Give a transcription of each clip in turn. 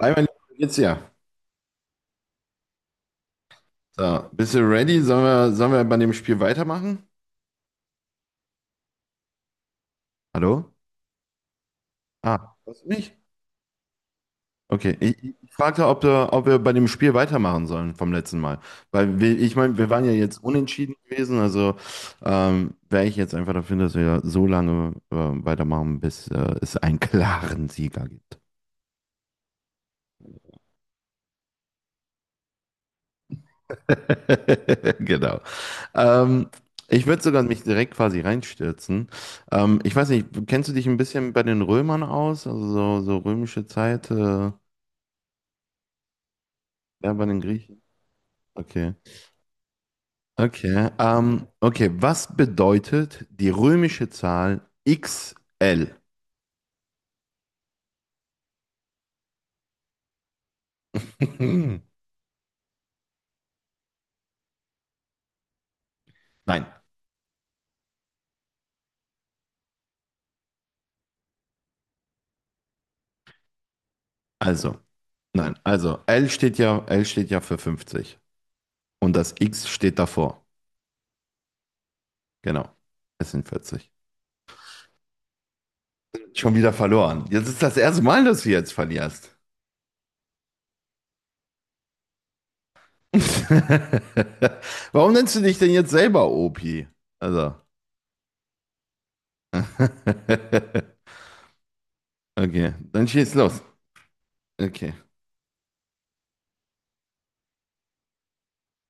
Hi, mein Lieber, wie geht's dir? So, bist du ready? Sollen wir bei dem Spiel weitermachen? Hallo? Ah, hörst du mich? Okay, ich fragte, ob wir bei dem Spiel weitermachen sollen vom letzten Mal. Weil wir, ich meine, wir waren ja jetzt unentschieden gewesen, also wäre ich jetzt einfach dafür, dass wir so lange weitermachen, bis es einen klaren Sieger gibt. Genau. Ähm, ich würde sogar mich direkt quasi reinstürzen. Ich weiß nicht, kennst du dich ein bisschen bei den Römern aus? Also so römische Zeit, ja, bei den Griechen? Okay. Okay. Okay, was bedeutet die römische Zahl XL? Nein, also, nein, also L steht ja für 50 und das X steht davor. Genau. Es sind 40. Schon wieder verloren. Jetzt ist das erste Mal, dass du jetzt verlierst. Warum nennst du dich denn jetzt selber Opi? Also. Okay, dann schieß los. Okay,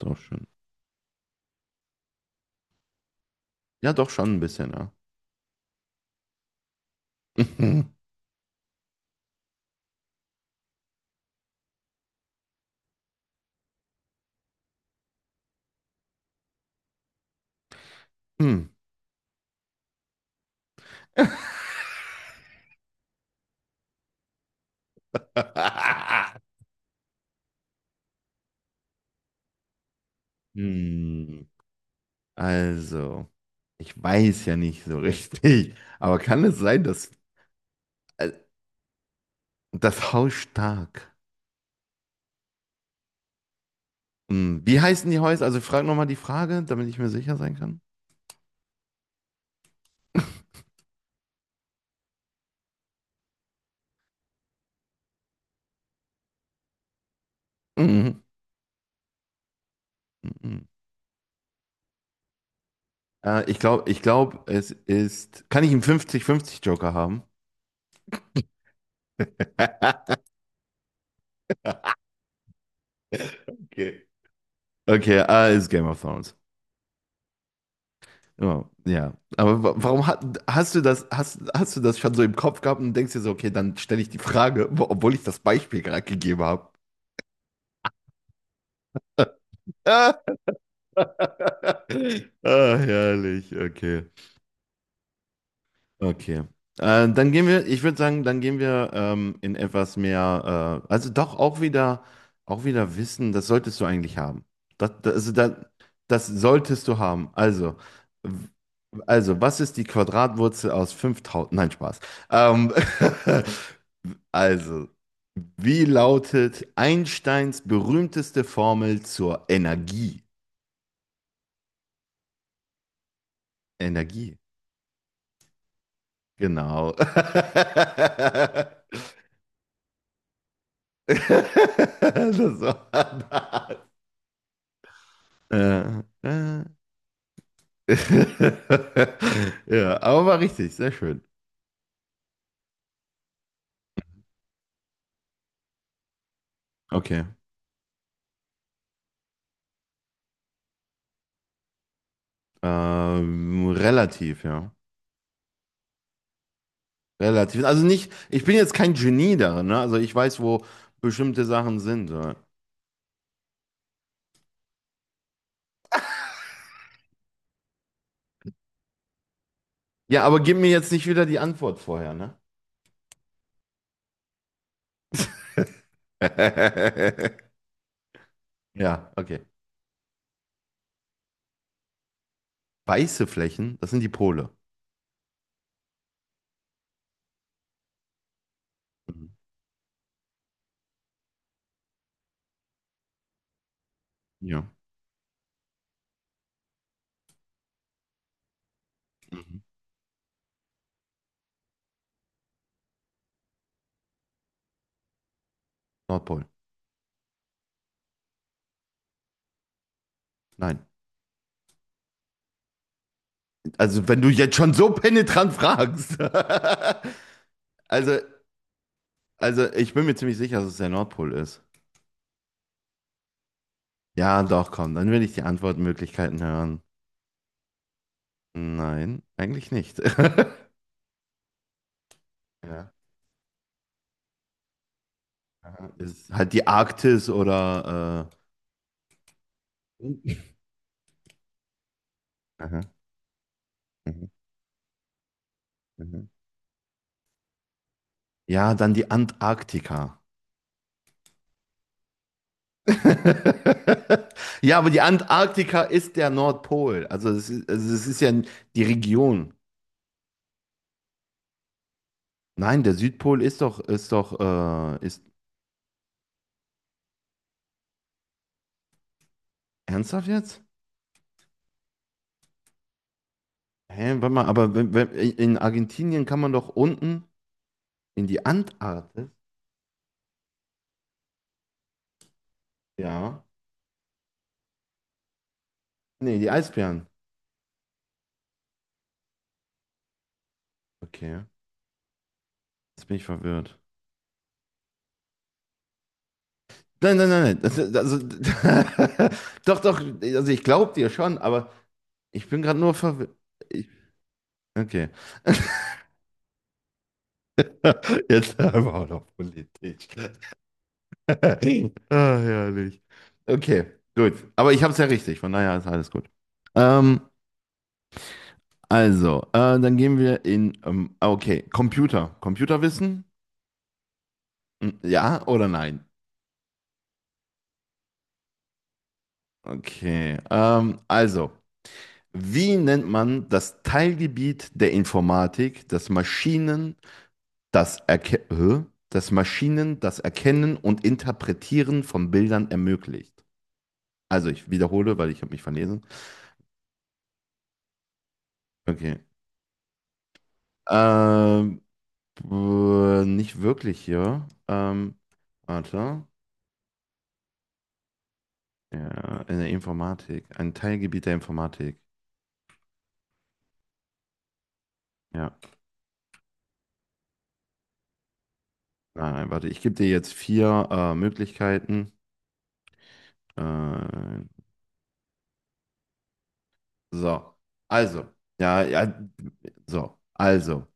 doch schon. Ja, doch schon ein bisschen, ja. Hm. Hm. Also, ich weiß ja nicht so richtig, aber kann es sein, dass äh, das Haus stark. Hm, wie heißen die Häuser? Also, frag nochmal die Frage, damit ich mir sicher sein kann. Mhm. Mhm. Ich glaub, es ist. Kann ich einen 50-50 Joker haben? Okay. Okay, ah, ist Game of Thrones. Ja, ja. Aber warum hat, hast du das, hast, hast du das schon so im Kopf gehabt und denkst dir so, okay, dann stelle ich die Frage, obwohl ich das Beispiel gerade gegeben habe. Ah, herrlich, okay. Okay. Dann gehen wir, ich würde sagen, dann gehen wir in etwas mehr, also doch auch wieder Wissen, das solltest du eigentlich haben. Also das solltest du haben. W- also, was ist die Quadratwurzel aus 5.000? Nein, Spaß. Ähm, also, wie lautet Einsteins berühmteste Formel zur Energie? Energie, genau. Das war äh, äh. Ja, aber war richtig, sehr schön. Okay. Relativ, ja. Relativ. Also nicht, ich bin jetzt kein Genie darin, ne? Also ich weiß, wo bestimmte Sachen sind. Ja, ja, aber gib mir jetzt nicht wieder die Antwort vorher, ne? Ja, okay. Weiße Flächen, das sind die Pole. Mhm. Ja. Mhm. Nordpol. Nein. Also, wenn du jetzt schon so penetrant fragst. Also, also ich bin mir ziemlich sicher, dass es der Nordpol ist. Ja, doch, komm, dann will ich die Antwortmöglichkeiten hören. Nein, eigentlich nicht. Ja. Aha. Ist halt die Arktis oder äh, aha, mhm, mhm. Ja, dann die Antarktika. Ja, aber die Antarktika ist der Nordpol. Also es ist ja die Region. Nein, der Südpol ist doch, ist ernsthaft jetzt? Hä, warte mal, aber wenn in Argentinien kann man doch unten in die Antarktis? Ja. Nee, die Eisbären. Okay, jetzt bin ich verwirrt. Nein, nein, nein, nein. Das, also, doch, doch, also ich glaube dir schon, aber ich bin gerade nur verwirrt. Ich, okay. Jetzt aber auch noch Politik. Ah, herrlich. Okay, gut. Aber ich habe es ja richtig, von daher ist alles gut. Ähm, also, dann gehen wir in, ah, okay, Computer. Computerwissen? Hm, ja oder nein? Okay. Also, wie nennt man das Teilgebiet der Informatik, das Maschinen, das Erkennen und Interpretieren von Bildern ermöglicht? Also, ich wiederhole, weil ich habe mich verlesen. Okay. Ähm, nicht wirklich, ja. Warte. Ja, in der Informatik. Ein Teilgebiet der Informatik. Ja. Nein, warte, ich gebe dir jetzt vier Möglichkeiten. Äh, so. Also. Ja, ja. So. Also.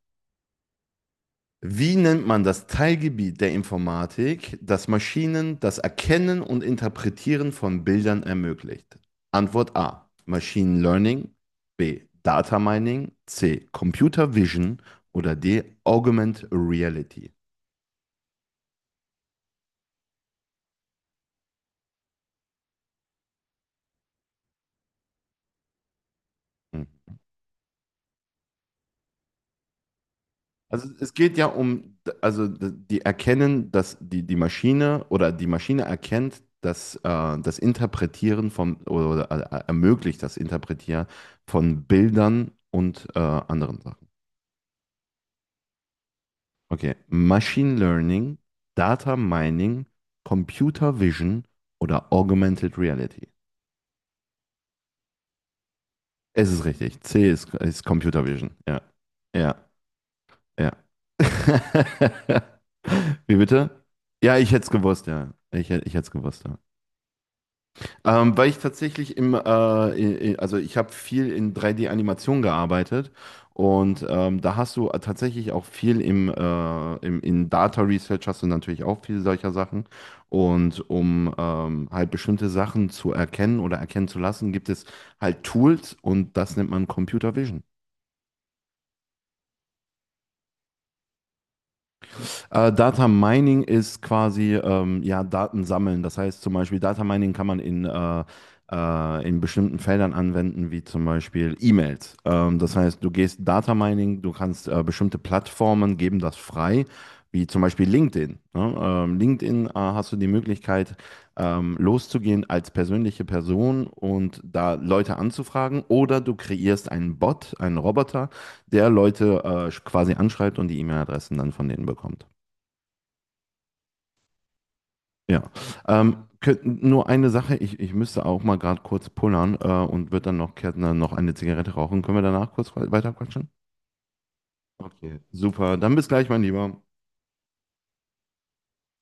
Wie nennt man das Teilgebiet der Informatik, das Maschinen das Erkennen und Interpretieren von Bildern ermöglicht? Antwort A. Machine Learning. B. Data Mining. C. Computer Vision. Oder D. Augmented Reality. Hm. Also es geht ja um, also die erkennen, dass die Maschine oder die Maschine erkennt, dass das Interpretieren von oder ermöglicht das Interpretieren von Bildern und anderen Sachen. Okay, Machine Learning, Data Mining, Computer Vision oder Augmented Reality. Es ist richtig. C ist Computer Vision. Ja, ja. Ja. Wie bitte? Ja, ich hätte es gewusst, ja. Ich hätte es gewusst, ja. Weil ich tatsächlich also ich habe viel in 3D-Animation gearbeitet und da hast du tatsächlich auch viel in Data Research hast du natürlich auch viel solcher Sachen und um halt bestimmte Sachen zu erkennen oder erkennen zu lassen, gibt es halt Tools und das nennt man Computer Vision. Data Mining ist quasi ja, Daten sammeln. Das heißt zum Beispiel, Data Mining kann man in bestimmten Feldern anwenden, wie zum Beispiel E-Mails. Das heißt, du gehst Data Mining, du kannst bestimmte Plattformen geben das frei, wie zum Beispiel LinkedIn. Ne? LinkedIn hast du die Möglichkeit, loszugehen als persönliche Person und da Leute anzufragen oder du kreierst einen Bot, einen Roboter, der Leute quasi anschreibt und die E-Mail-Adressen dann von denen bekommt. Ja, nur eine Sache, ich müsste auch mal gerade kurz pullern und wird dann noch, Kärtner noch eine Zigarette rauchen. Können wir danach kurz weiter quatschen? Okay, super. Dann bis gleich, mein Lieber.